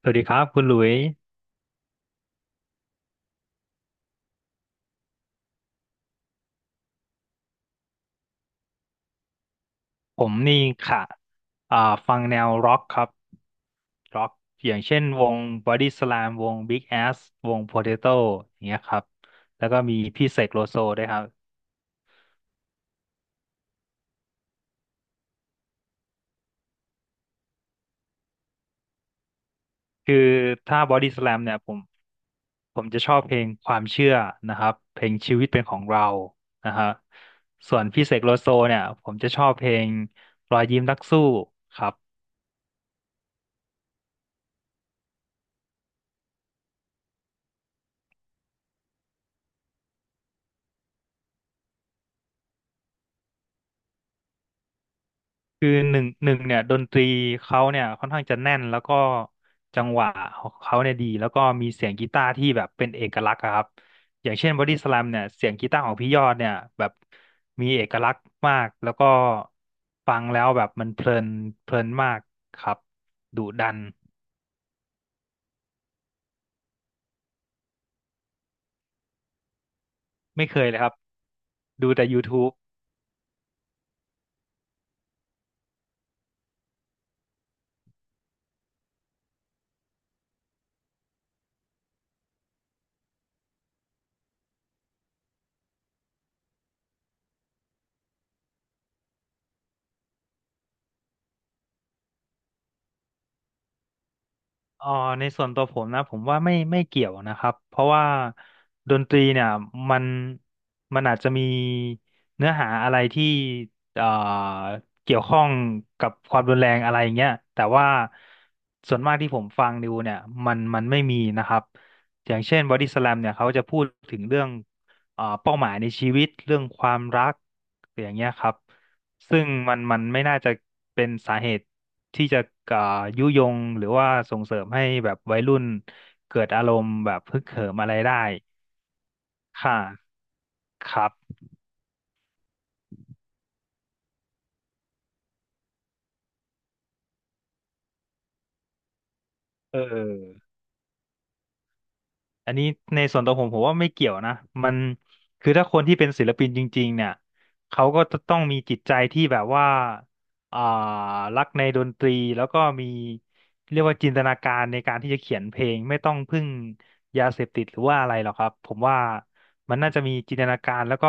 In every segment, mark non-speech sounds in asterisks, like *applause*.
สวัสดีครับคุณหลุยผมนี่ค่ะอ่าฟังแนวร็อกครับร็อกอย่างเช่นวง Body Slam วง Big Ass วง Potato อย่างเงี้ยครับแล้วก็มีพี่เสกโลโซด้วยครับคือถ้า Body Slam เนี่ยผมจะชอบเพลงความเชื่อนะครับเพลงชีวิตเป็นของเรานะฮะส่วนพี่เสกโลโซเนี่ยผมจะชอบเพลงรอยยิ้มนักสู้ครับ คือหนึ่งเนี่ยดนตรีเขาเนี่ยค่อนข้างจะแน่นแล้วก็จังหวะของเขาเนี่ยดีแล้วก็มีเสียงกีตาร์ที่แบบเป็นเอกลักษณ์อะครับอย่างเช่นบอดี้สแลมเนี่ยเสียงกีตาร์ของพี่ยอดเนี่ยแบบมีเอกลักษณ์มากแล้วก็ฟังแล้วแบบมันเพลินเพลินมากครับดุดันไม่เคยเลยครับดูแต่ YouTube เอ่อในส่วนตัวผมนะผมว่าไม่เกี่ยวนะครับเพราะว่าดนตรีเนี่ยมันมันอาจจะมีเนื้อหาอะไรที่เอ่อเกี่ยวข้องกับความรุนแรงอะไรอย่างเงี้ยแต่ว่าส่วนมากที่ผมฟังดูเนี่ยมันไม่มีนะครับอย่างเช่นบอดี้สแลมเนี่ยเขาจะพูดถึงเรื่องเป้าหมายในชีวิตเรื่องความรักอย่างเงี้ยครับ ซึ่งมันไม่น่าจะเป็นสาเหตุที่จะอ่ายุยงหรือว่าส่งเสริมให้แบบวัยรุ่นเกิดอารมณ์แบบฮึกเหิมอะไรได้ค่ะครับเออ อันนี้ในส่วนตัวผมว่าไม่เกี่ยวนะมันคือถ้าคนที่เป็นศิลปินจริงๆเนี่ยเขาก็จะต้องมีจิตใจที่แบบว่าอ่ารักในดนตรีแล้วก็มีเรียกว่าจินตนาการในการที่จะเขียนเพลงไม่ต้องพึ่งยาเสพติดหรือว่าอะไรหรอกครับผมว่ามันน่าจะมีจินตนาการแล้วก็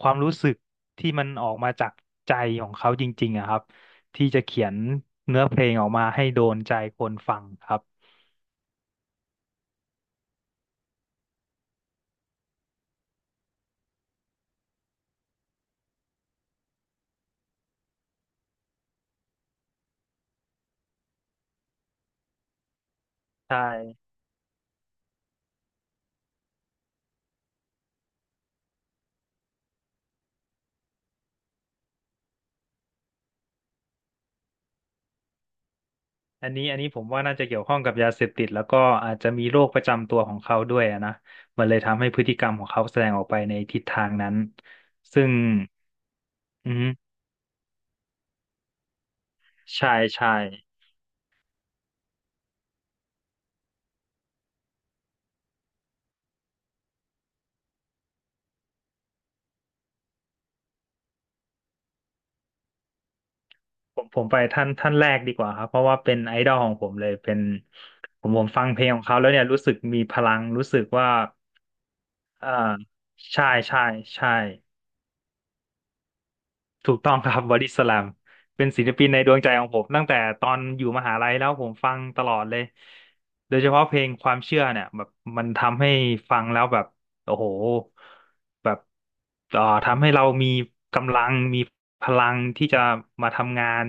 ความรู้สึกที่มันออกมาจากใจของเขาจริงๆอะครับที่จะเขียนเนื้อเพลงออกมาให้โดนใจคนฟังครับใช่ อันนี้ผมว่าน่าจะเกี่ยวข้องกับยาเสพติดแล้วก็อาจจะมีโรคประจำตัวของเขาด้วยอะนะมันเลยทำให้พฤติกรรมของเขาแสดงออกไปในทิศทางนั้นซึ่งอืมใช่ใช่ผมไปท่านแรกดีกว่าครับเพราะว่าเป็นไอดอลของผมเลยเป็นผมฟังเพลงของเขาแล้วเนี่ยรู้สึกมีพลังรู้สึกว่าเอ่อใช่ใช่ใช่ ถูกต้องครับบอดี้สแลมเป็นศิลปินในดวงใจของผมตั้งแต่ตอนอยู่มหาลัยแล้วผมฟังตลอดเลยโดยเฉพาะเพลงความเชื่อเนี่ยแบบมันทำให้ฟังแล้วแบบโอ้โหแบบทำให้เรามีกำลังมีพลังที่จะมาทำงาน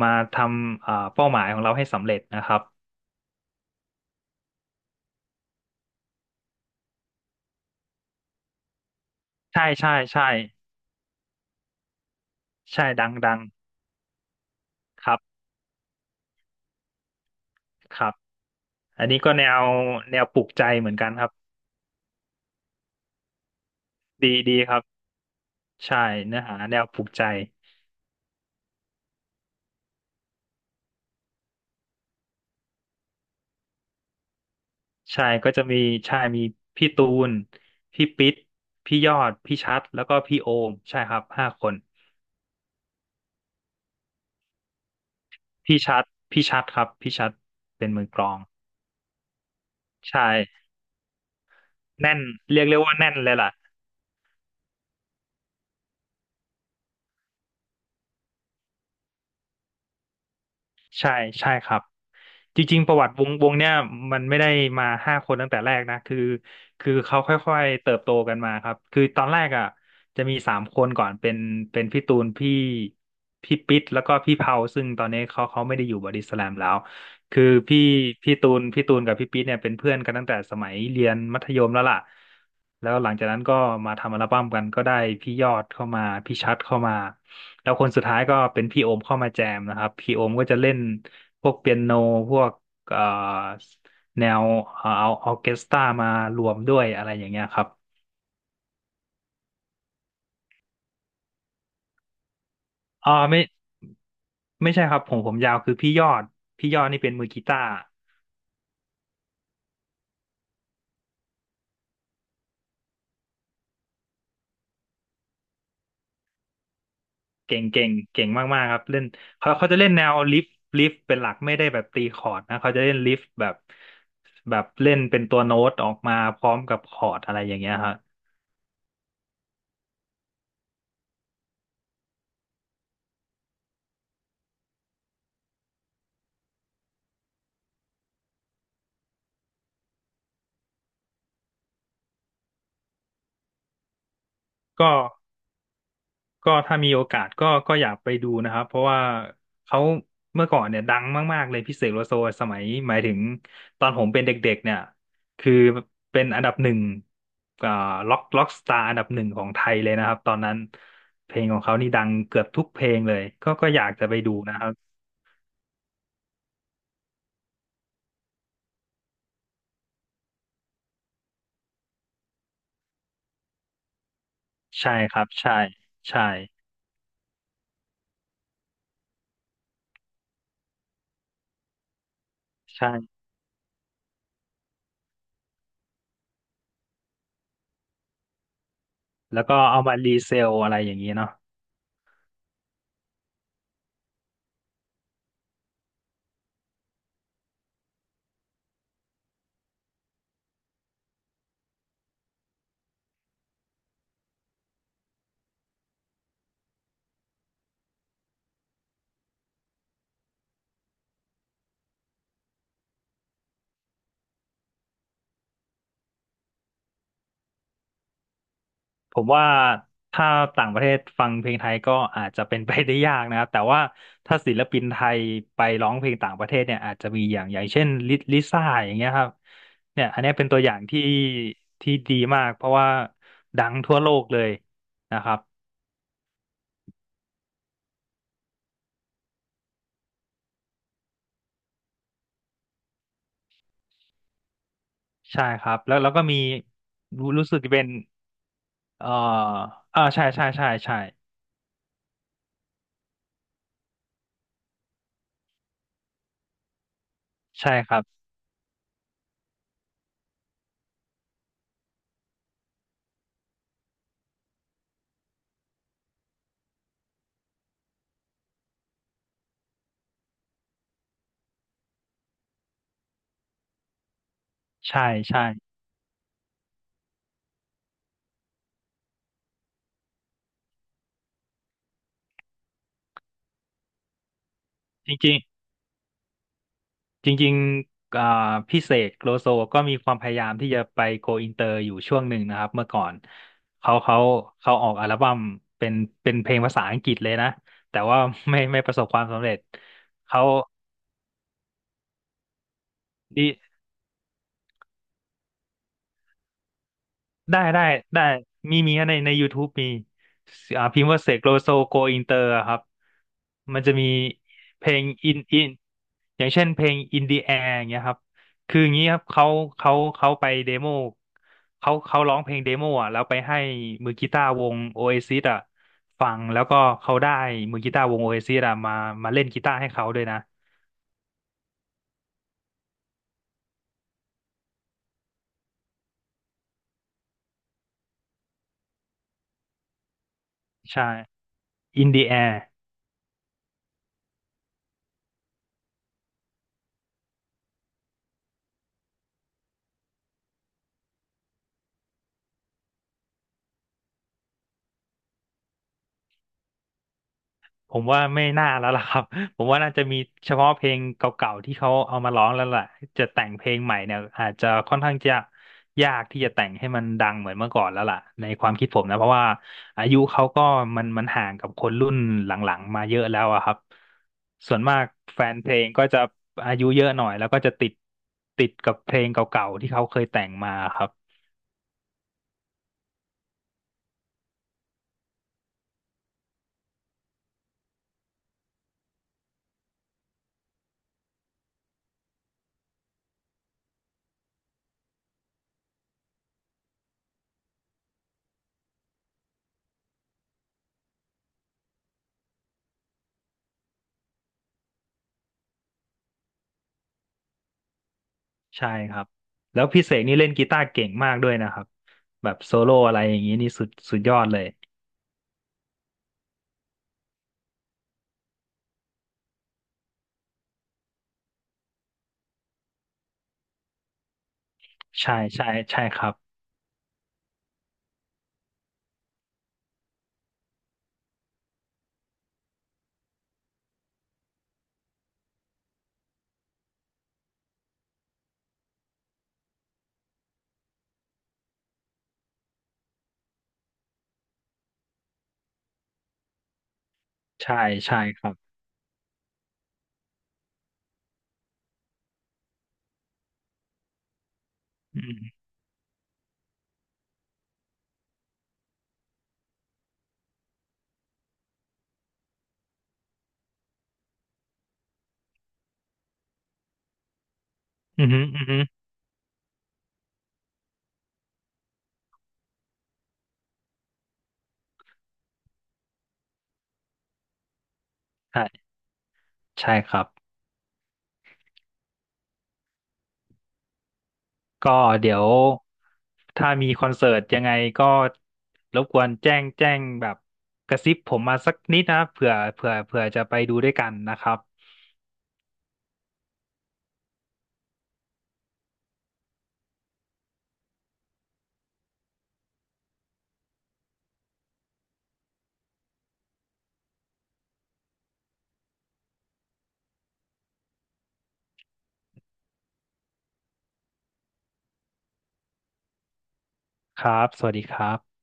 มาทำเป้าหมายของเราให้สำเร็จนะครับใช่ใช่ใช่ใช่ดังดังครับครับอันนี้ก็แนวปลุกใจเหมือนกันครับดีดีครับใช่เนื้อหาแนวปลุกใจ ใช่ก็จะมีใช่มีพี่ตูนพี่ปิ๊ดพี่ยอดพี่ชัดแล้วก็พี่โอมใช่ครับห้าคนพี่ชัดครับพี่ชัดเป็นมือกลองใช่แน่นเรียกว่าแน่นเลยล่ะใช่ใช่ครับ จริงๆประวัติวงเนี่ยมันไม่ได้มาห้าคนตั้งแต่แรกนะคือเขาค่อยๆเติบโตกันมาครับคือตอนแรกอ่ะจะมีสามคนก่อนเป็นพี่ตูนพี่ปิ๊ดแล้วก็พี่เผาซึ่งตอนนี้เขาไม่ได้อยู่บอดี้สแลมแล้วคือพี่พี่ตูนกับพี่ปิ๊ดเนี่ยเป็นเพื่อนกันตั้งแต่สมัยเรียนมัธยมแล้วล่ะแล้วหลังจากนั้นก็มาทำอัลบั้มกันก็ได้พี่ยอดเข้ามาพี่ชัดเข้ามา แล้วคนสุดท้ายก็เป็นพี่โอมเข้ามาแจมนะครับพี่โอมก็จะเล่นพวกเปียโนพวกเอ่อแนวเอาออร์เคสตรามารวมด้วยอะไรอย่างเงี้ยครับอ๋อไม่ใช่ครับผมผมยาวคือพี่ยอดพี่ยอดนี่เป็นมือกีตาร์เก่งมากๆครับเล่นเขาจะเล่นแนวลิฟลิฟเป็นหลักไม่ได้แบบตีคอร์ดนะเขาจะเล่นลิฟแบบเล่นเป็นตัวโน้ตออกมาพร้อมกับคอร์ดอะไรอย่างเงี้ยครับก็ ถ้ามีโอกาสก็อยากไปดูนะครับเพราะว่าเขาเมื่อก่อนเนี่ยดังมากๆเลยพี่เสกโลโซสมัยหมายถึงตอนผมเป็นเด็กๆเนี่ยคือเป็นอันดับหนึ่งอ่าล็อกสตาร์อันดับหนึ่งของไทยเลยนะครับตอนนั้นเพลงของเขานี่ดังเกือบทุกเพลงเลยก็อยากจะไปดูนะครับใช่ครับใช่ใช่ใช่แล้วก็เอามารีเซลอะไรอย่างนี้เนาะ ผมว่าถ้าต่างประเทศฟังเพลงไทยก็อาจจะเป็นไปได้ยากนะครับ *laughs* แต่ว่าถ้าศิลปินไทยไปร้องเพลงต่างประเทศเนี่ยอาจจะมีอย่างอย่างเช่นลิซ่าอย่างเงี้ยครับเนี่ยอันเนี้ยเป็นตัวอย่างที่ที่ดีมากเพราะว่าดังทั่วโลกเลยนะครับใช่ครับแล้วแล้วก็มีรู้สึกจะเป็นเอ่ออ่าใช่ใช่ใช่ใช่ใช่ครับใช่ใช่จริง จริงๆอ่าพี่เสกโลโซก็มีความพยายามที่จะไปโกอินเตอร์อยู่ช่วงหนึ่งนะครับเมื่อก่อนเขาเขาเขาออกอัลบั้มเป็นเป็นเพลงภาษาอังกฤษเลยนะแต่ว่าไม่ประสบความสำเร็จเขาดี ได้ได้ได้มีในYouTube มีอ่าพิมพ์ว่าเสกโลโซโกอินเตอร์ครับมันจะมีเพลงอินอินอย่างเช่นเพลง In the Air อย่างเงี้ยครับคืออย่างงี้ครับเขาไปเดโมเขาร้องเพลงเดโมอ่ะแล้วไปให้มือกีตาร์วง Oasis อ่ะฟังแล้วก็เขาได้มือกีตาร์วง Oasis อ่ะมามาเล่นกีตาร์ให้เขาด้วยนะใช่ In the Air ผมว่าไม่น่าแล้วล่ะครับ *laughs* ผมว่าน่าจะมีเฉพาะเพลงเก่าๆที่เขาเอามาร้องแล้วล่ะจะแต่งเพลงใหม่เนี่ยอาจจะค่อนข้างจะยากที่จะแต่งให้มันดังเหมือนเมื่อก่อนแล้วล่ะในความคิดผมนะเพราะว่าอายุเขาก็มันห่างกับคนรุ่นหลังๆมาเยอะแล้วอะครับส่วนมากแฟนเพลงก็จะอายุเยอะหน่อยแล้วก็จะติดติดกับเพลงเก่าๆที่เขาเคยแต่งมาครับใช่ครับแล้วพี่เสกนี่เล่นกีตาร์เก่งมากด้วยนะครับแบบโซโล่อะไรอย่างนี้นี่สุดยอดเลย ใช่ใช่ใช่ครับใช่ใช่ครับอืมอืมอืมใช่ใช่ครับก็เดี๋ยวถ้ามีคอนเสิร์ตยังไงก็รบกวนแจ้งแบบกระซิบผมมาสักนิดนะเผื่อจะไปดูด้วยกันนะครับครับสวัสดีครับ